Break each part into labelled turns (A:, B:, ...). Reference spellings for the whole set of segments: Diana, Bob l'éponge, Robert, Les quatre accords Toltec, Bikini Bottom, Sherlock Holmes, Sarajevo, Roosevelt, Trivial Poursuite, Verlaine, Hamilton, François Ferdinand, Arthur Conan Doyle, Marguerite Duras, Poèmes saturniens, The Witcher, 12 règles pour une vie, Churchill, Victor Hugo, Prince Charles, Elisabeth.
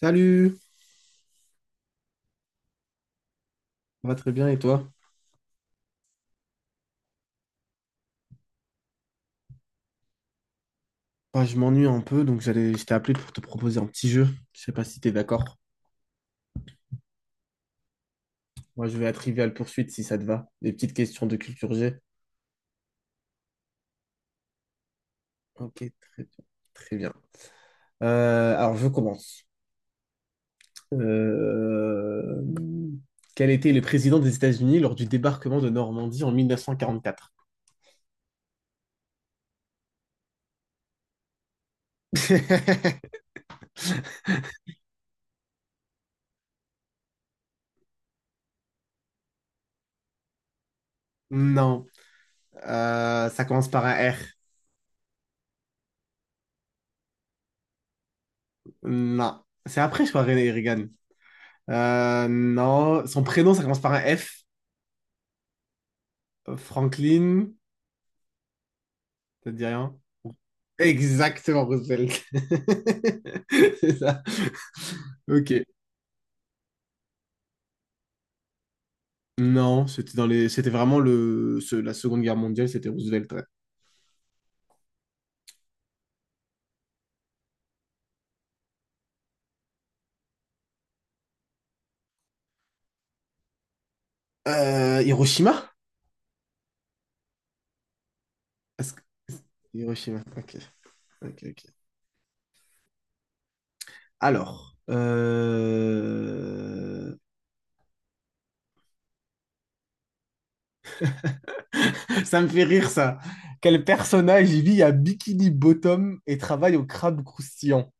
A: Salut, ça va très bien et toi? Bah, je m'ennuie un peu, donc je t'ai appelé pour te proposer un petit jeu. Je sais pas si t'es d'accord. Moi, je vais à Trivial Poursuite si ça te va. Des petites questions de culture G. Ok, très bien. Très bien. Alors, je commence. Euh, Quel était le président des États-Unis lors du débarquement de Normandie en 1944? Non. Ça commence par un R. Non. C'est après, je crois, René Reagan. Non. Son prénom, ça commence par un F. Franklin, ça te dit rien? Exactement, Roosevelt. C'est ça. Ok. Non, c'était dans les... c'était vraiment le... ce- la Seconde Guerre mondiale, c'était Roosevelt, ouais. Hiroshima? Est-ce que- Hiroshima, ok. Ok, ok. Alors, ça me fait rire ça. Quel personnage vit à Bikini Bottom et travaille au crabe croustillant?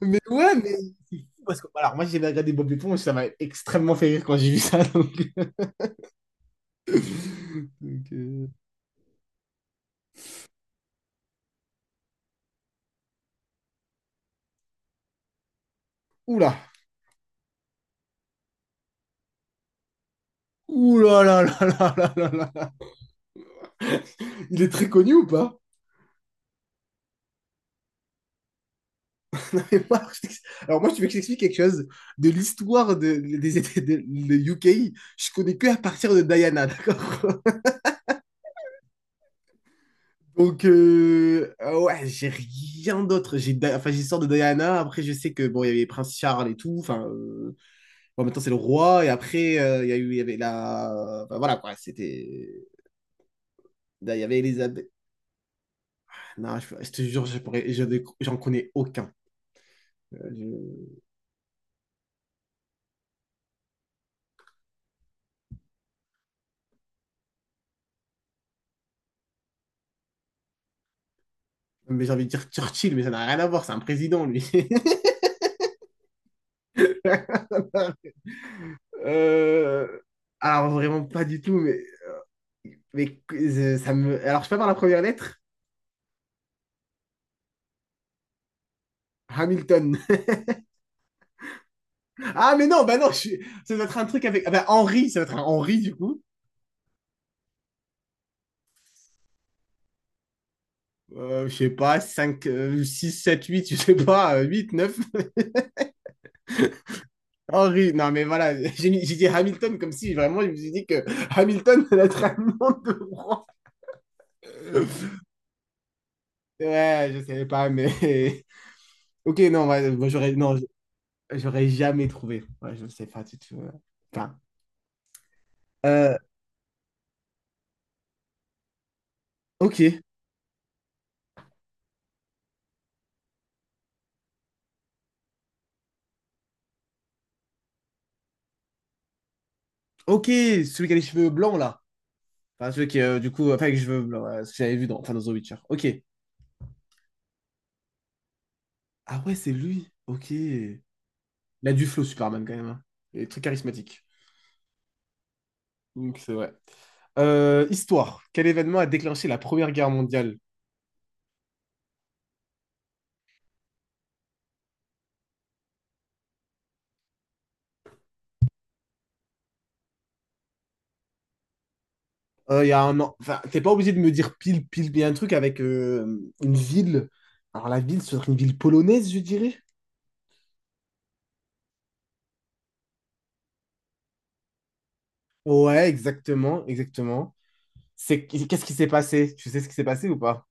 A: Mais ouais, mais c'est fou parce que alors moi j'ai regardé Bob l'éponge, ça m'a extrêmement fait rire quand j'ai vu ça. Donc. Donc, Oula! Ouh là là là là là là là. Il est très connu ou pas? Alors moi, tu veux que je t'explique quelque chose de l'histoire de, des États de, le UK. Je connais que à partir de Diana, d'accord? Donc ah ouais, j'ai rien d'autre. Enfin j'ai l'histoire de Diana. Après, je sais que bon, il y avait Prince Charles et tout. Enfin, bon, maintenant c'est le roi. Et après, il y avait la, enfin, voilà quoi. Il y avait Elisabeth. Non, je te jure, je pourrais, je j'en connais aucun. Je- Mais j'ai envie de dire Churchill, mais ça n'a rien à voir, c'est un président, lui. Euh, Alors, vraiment pas du tout. Alors, je peux par la première lettre? Hamilton. Ah, mais non, bah non, je ça doit être un truc avec. Ah, bah, Henry, ça doit être un Henry, du coup. Je sais pas, 5 6 7 8 je sais pas, 8 9 Henry, non, mais voilà, j'ai dit Hamilton comme si vraiment, je me suis dit que Hamilton, ça doit être un nom de roi. Ouais, je savais pas, mais. Ok, non, ouais, moi, j'aurais non, j'aurais jamais trouvé. Ouais, je ne sais pas du tout. Enfin, euh, ok, ok, celui qui a les cheveux blancs là. Enfin, celui qui, du coup, enfin, avec les cheveux blancs, ce que j'avais vu dans, enfin, dans The Witcher. Ok. Ah ouais, c'est lui. Ok. Il a du flow, Superman, quand même, hein. Il est très charismatique. Donc, c'est vrai. Histoire. Quel événement a déclenché la Première Guerre mondiale? Il y a un an. Enfin, t'es pas obligé de me dire pile, pile. Il y a un truc avec une ville. Alors, la ville, ce serait une ville polonaise, je dirais. Ouais, exactement, exactement. C'est qu'est-ce qui s'est passé? Tu sais ce qui s'est passé ou pas?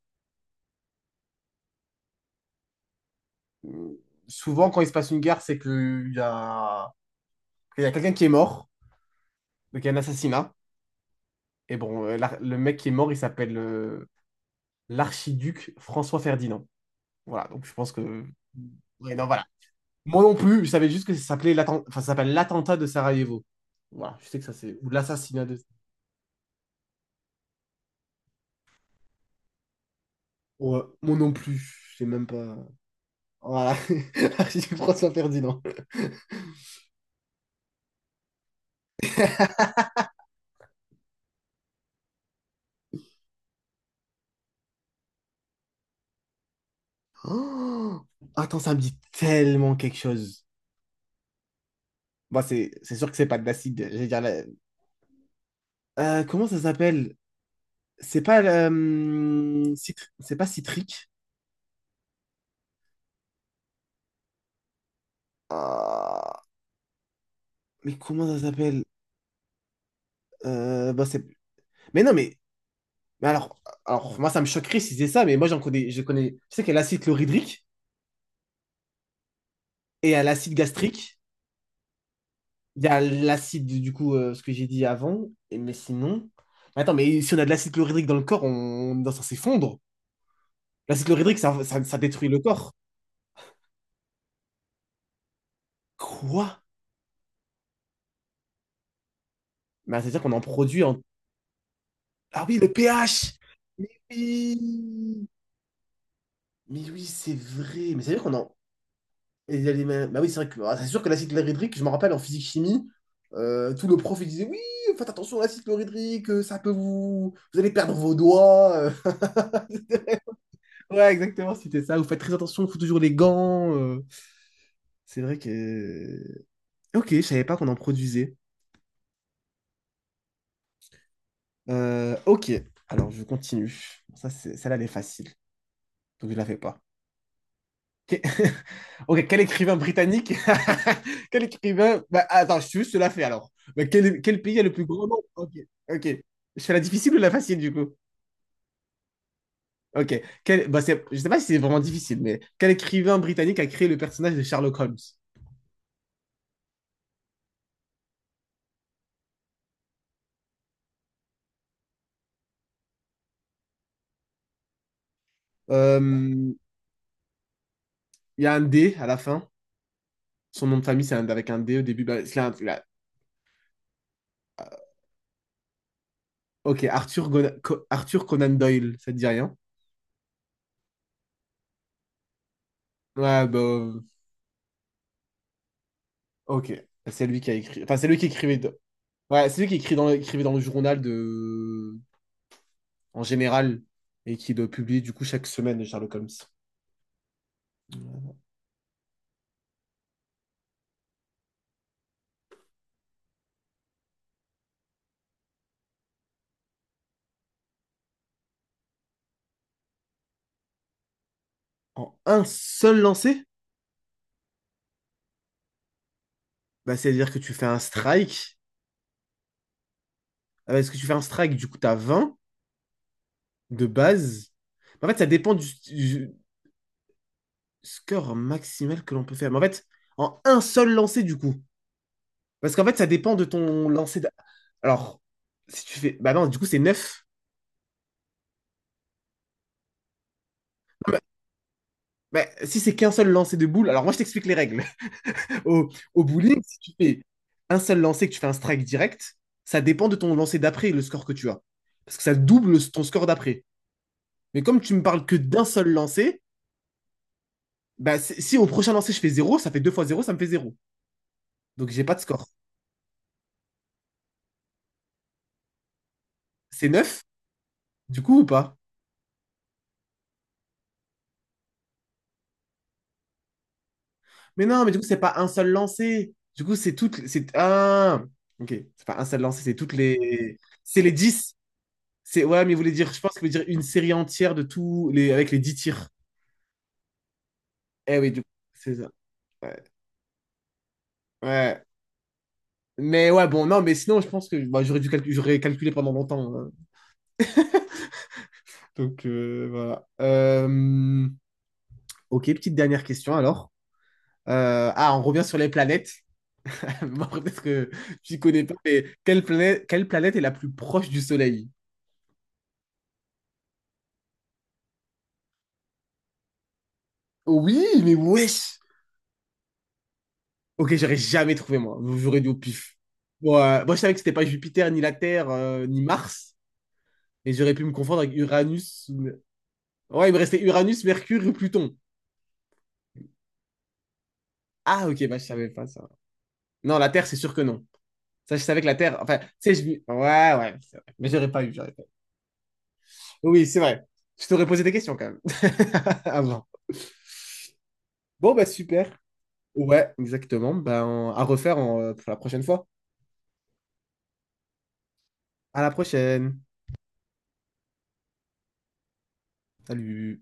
A: Euh, Souvent, quand il se passe une guerre, c'est qu'il y a quelqu'un qui est mort, donc il y a un assassinat. Et bon, le mec qui est mort, il s'appelle l'archiduc François Ferdinand. Voilà, donc je pense que. Ouais, non, voilà. Moi non plus, je savais juste que ça s'appelait enfin, ça s'appelle l'attentat de Sarajevo. Voilà, je sais que ça c'est. Ou l'assassinat de. Ouais, moi non plus, je sais même pas. Voilà, l'archiduc François Ferdinand. Oh. Attends, ça me dit tellement quelque chose. Bon, c'est sûr que c'est pas de l'acide. J'allais dire. Comment ça s'appelle? C'est pas euh, c'est pas citrique. Ah, mais comment ça s'appelle? Bah, mais non mais, mais alors moi ça me choquerait si c'est ça, mais moi j'en connais. Je sais qu'il y a l'acide chlorhydrique et il y a l'acide gastrique. Il y a l'acide du coup ce que j'ai dit avant. Et, mais sinon, mais attends, mais si on a de l'acide chlorhydrique dans le corps, on est censé fondre. L'acide ça détruit le corps. Quoi? Mais c'est-à-dire qu'on en produit. Ah oui, le pH! Mais oui! Mais oui, c'est vrai. Il y a les mêmes- Bah oui, ah, c'est sûr que l'acide chlorhydrique, je me rappelle en physique-chimie, tout le prof il disait, oui, faites attention à l'acide chlorhydrique, ça peut vous. Vous allez perdre vos doigts, Ouais, exactement, c'était ça. Vous faites très attention, il faut toujours les gants, C'est vrai. Ok, je savais pas qu'on en produisait. Ok, alors je continue. Celle-là, elle est facile. Donc je ne la fais pas. Que- Ok, quel écrivain britannique? Quel écrivain? Bah, attends, je te la fais alors. Bah, quel pays a le plus grand nombre? Ok, ok. Je fais la difficile ou la facile du coup? Ok. Je ne sais pas si c'est vraiment difficile, mais quel écrivain britannique a créé le personnage de Sherlock Holmes? Euh, Il y a un D à la fin. Son nom de famille, avec un D au début. Bah, c'est là. Euh, Ok, Arthur Conan Doyle, ça te dit rien? Ouais, bah, ok. C'est lui qui a écrit. Enfin, c'est lui qui écrivait. Ouais, c'est lui qui écrivait dans le journal de, en général, et qui le publie du coup chaque semaine, Sherlock Holmes. En un seul lancer? Bah, c'est-à-dire que tu fais un strike. Ah. Parce que tu fais un strike, du coup, t'as 20 de base. En fait, ça dépend du score maximal que l'on peut faire. Mais en fait, en un seul lancer, du coup. Parce qu'en fait, ça dépend de ton lancer. Alors, si tu fais. Bah non, du coup, c'est neuf. Non, si c'est qu'un seul lancer de boule, alors moi, je t'explique les règles. Au, au bowling, si tu fais un seul lancer, que tu fais un strike direct, ça dépend de ton lancer d'après, le score que tu as. Parce que ça double ton score d'après. Mais comme tu me parles que d'un seul lancer, bah, si au prochain lancer je fais zéro, ça fait 2 fois zéro, ça me fait zéro. Donc j'ai pas de score. C'est 9 du coup ou pas? Mais non, mais du coup, c'est pas un seul lancer. Du coup, c'est toutes. C'est un. Ok, c'est pas un seul lancer, c'est toutes les. C'est les 10. Ouais, mais vous voulez dire, je pense que vous voulez dire une série entière de tous les, avec les 10 tirs. Eh oui, du coup, c'est ça. Ouais. Ouais. Mais ouais, bon, non, mais sinon, je pense que bah, j'aurais calculé pendant longtemps, hein. Donc, voilà. Ok, petite dernière question alors. Ah, on revient sur les planètes. Moi, peut-être que tu connais pas, mais quelle planète est la plus proche du Soleil? Oui, mais wesh! Ok, j'aurais jamais trouvé, moi. J'aurais dû au pif. Bon, moi, je savais que c'était pas Jupiter, ni la Terre, ni Mars. Et j'aurais pu me confondre avec Uranus. Ouais, il me restait Uranus, Mercure et Pluton. Ah, ok, bah, je savais pas ça. Non, la Terre, c'est sûr que non. Ça, je savais que la Terre. Enfin, tu sais, je. Dis. Ouais, ouais, c'est vrai. Mais j'aurais pas eu. Oui, c'est vrai. Je t'aurais posé des questions quand même. Avant. Bon, bah, super. Ouais, exactement. Ben, à refaire pour la prochaine fois. À la prochaine. Salut.